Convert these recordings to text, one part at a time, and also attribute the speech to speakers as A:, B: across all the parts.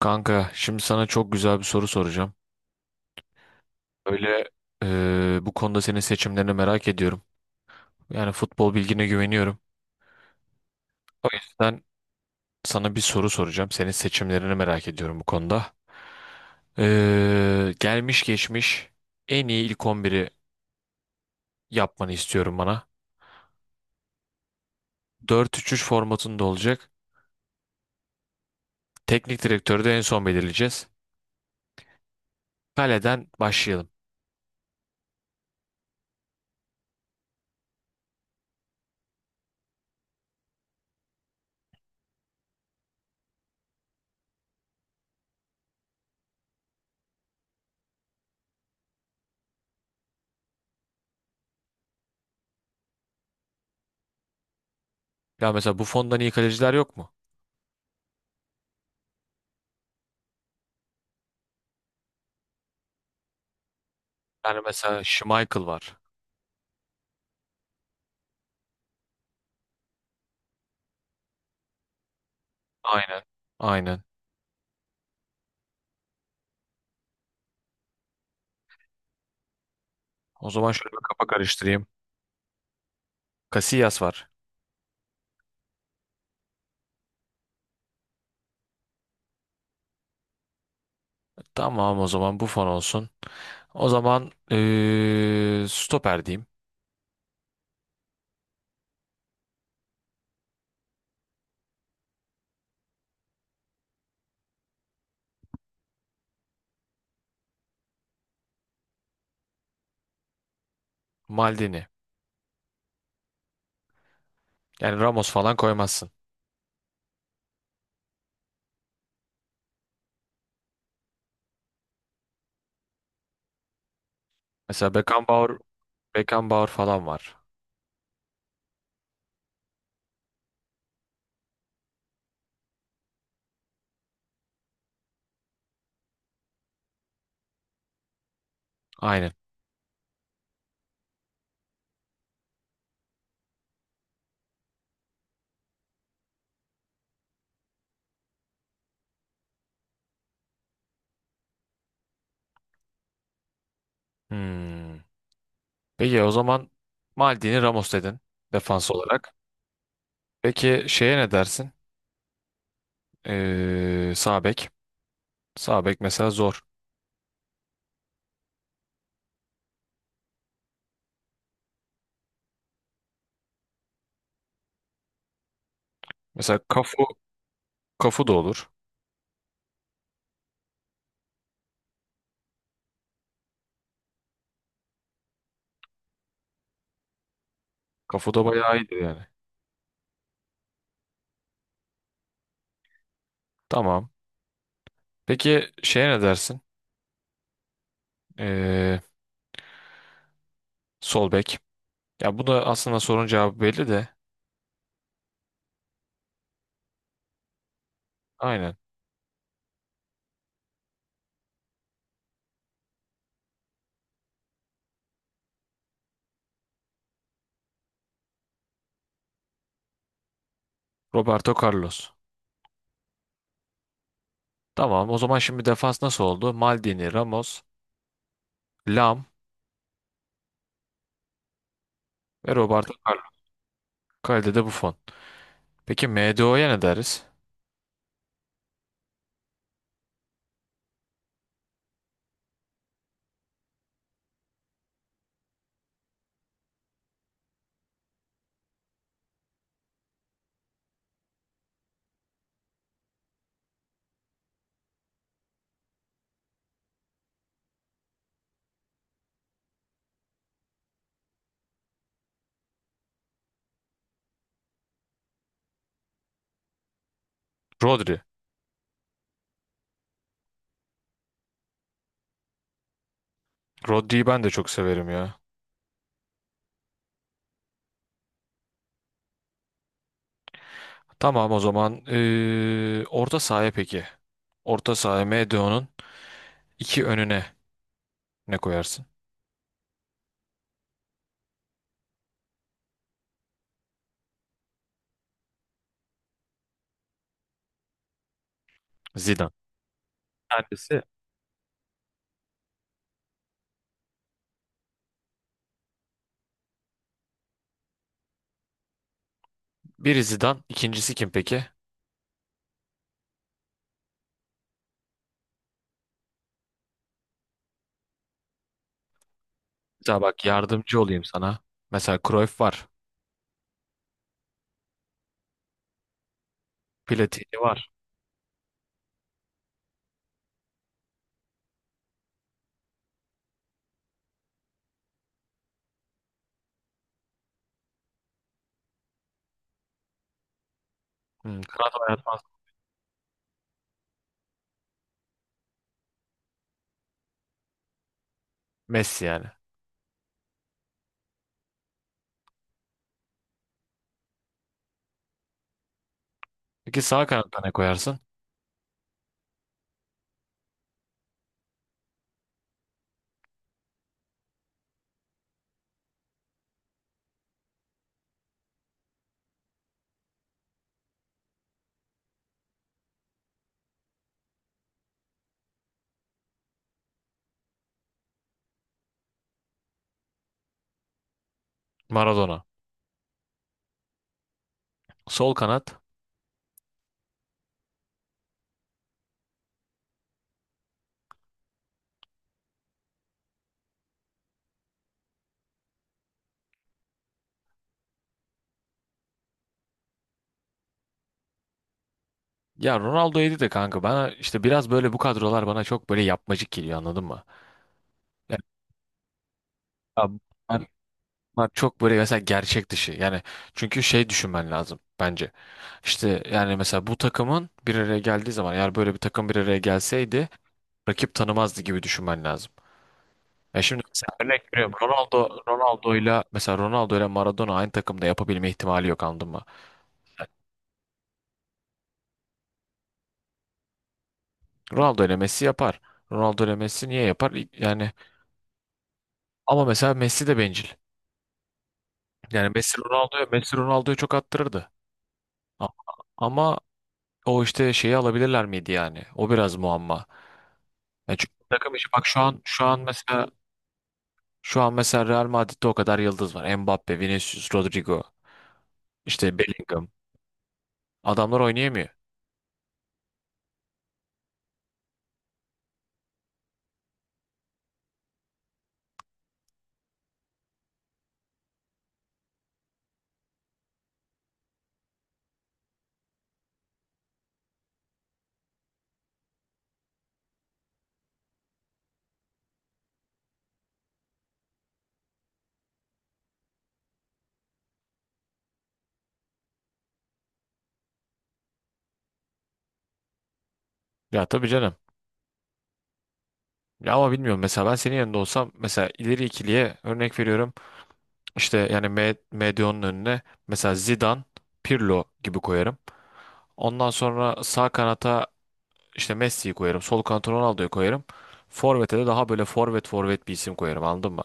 A: Kanka, şimdi sana çok güzel bir soru soracağım. Böyle bu konuda senin seçimlerini merak ediyorum. Yani futbol bilgine güveniyorum. O yüzden sana bir soru soracağım. Senin seçimlerini merak ediyorum bu konuda. Gelmiş geçmiş en iyi ilk 11'i yapmanı istiyorum bana. Dört üç üç formatında olacak. Teknik direktörü de en son belirleyeceğiz. Kaleden başlayalım. Ya mesela Buffon'dan iyi kaleciler yok mu? Yani mesela Schmeichel var. Aynen. Aynen. O zaman şöyle bir kafa karıştırayım. Casillas var. Tamam o zaman Buffon olsun. O zaman stoper diyeyim. Maldini. Yani Ramos falan koymazsın. Mesela Beckenbauer, Beckenbauer falan var. Aynen. Hmm. Peki o zaman Maldini Ramos dedin defans olarak. Peki şeye ne dersin? Sağ bek. Sağ bek mesela zor. Mesela Kafu, Kafu da olur. Kafu da bayağı iyidir yani. Tamam. Peki şeye ne dersin? Eee Sol bek. Ya bu da aslında sorun cevabı belli de. Aynen. Roberto Carlos. Tamam o zaman şimdi defans nasıl oldu? Maldini, Ramos, Lam ve Roberto Carlos. Kalede bu Buffon. Peki MDO'ya ne deriz? Rodri. Rodri'yi ben de çok severim ya. Tamam o zaman orta sahaya peki. Orta sahaya MDO'nun iki önüne ne koyarsın? Zidane. Kendisi. Biri Zidane, ikincisi kim peki? Mesela bak yardımcı olayım sana. Mesela Cruyff var. Platini var. Hmm, kanat oynatmaz. Messi yani. Peki sağ kanatta ne koyarsın? Maradona. Sol kanat. Ya Ronaldo yedi de kanka bana işte biraz böyle bu kadrolar bana çok böyle yapmacık geliyor anladın mı? Yani, ya bunlar, bunlar çok böyle mesela gerçek dışı. Yani çünkü şey düşünmen lazım bence. İşte yani mesela bu takımın bir araya geldiği zaman eğer böyle bir takım bir araya gelseydi rakip tanımazdı gibi düşünmen lazım. Ya şimdi mesela örnek veriyorum Ronaldo'yla Maradona aynı takımda yapabilme ihtimali yok anladın mı? Ronaldo ile Messi yapar. Ronaldo ile Messi niye yapar? Yani ama mesela Messi de bencil. Yani Messi Ronaldo'ya çok attırırdı. A- Ama o işte şeyi alabilirler miydi yani? O biraz muamma. Yani çünkü takım işi bak şu an mesela Real Madrid'de o kadar yıldız var. Mbappe, Vinicius, Rodrigo, işte Bellingham. Adamlar oynayamıyor. Ya tabii canım. Ya ama bilmiyorum mesela ben senin yanında olsam mesela ileri ikiliye örnek veriyorum. İşte yani Medyon'un önüne mesela Zidane, Pirlo gibi koyarım. Ondan sonra sağ kanata işte Messi'yi koyarım. Sol kanata Ronaldo'yu koyarım. Forvet'e de daha böyle forvet forvet bir isim koyarım anladın mı?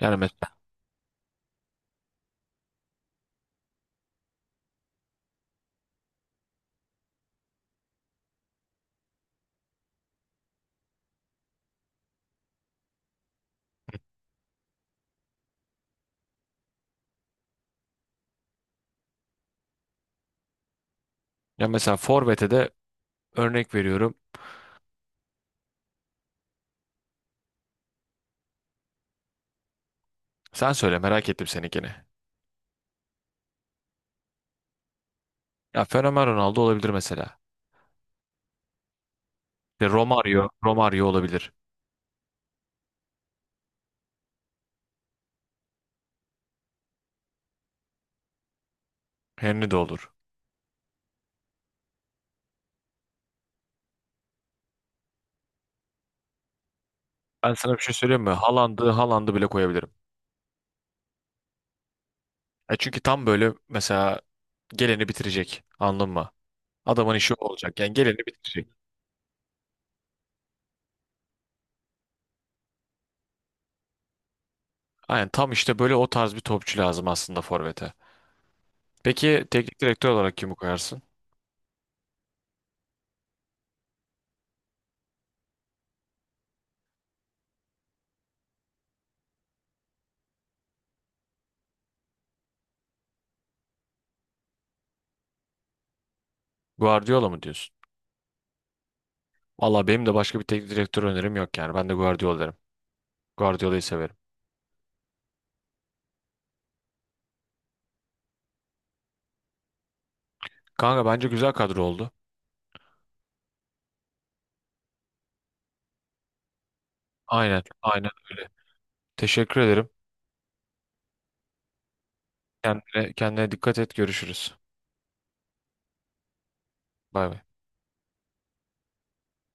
A: Yani mesela, ya mesela forvet'e de örnek veriyorum. Sen söyle merak ettim seninkini. Ya Fenomen Ronaldo olabilir mesela. İşte Romario, Romario olabilir. Henry de olur. Ben sana bir şey söyleyeyim mi? Haaland'ı, Haaland'ı bile koyabilirim. E çünkü tam böyle mesela geleni bitirecek. Anladın mı? Adamın işi o olacak. Yani geleni bitirecek. Aynen tam işte böyle o tarz bir topçu lazım aslında forvete. Peki teknik direktör olarak kimi koyarsın? Guardiola mı diyorsun? Valla benim de başka bir teknik direktör önerim yok yani. Ben de Guardiola derim. Guardiola'yı severim. Kanka bence güzel kadro oldu. Aynen, aynen öyle. Teşekkür ederim. Kendine dikkat et. Görüşürüz. Bay bay.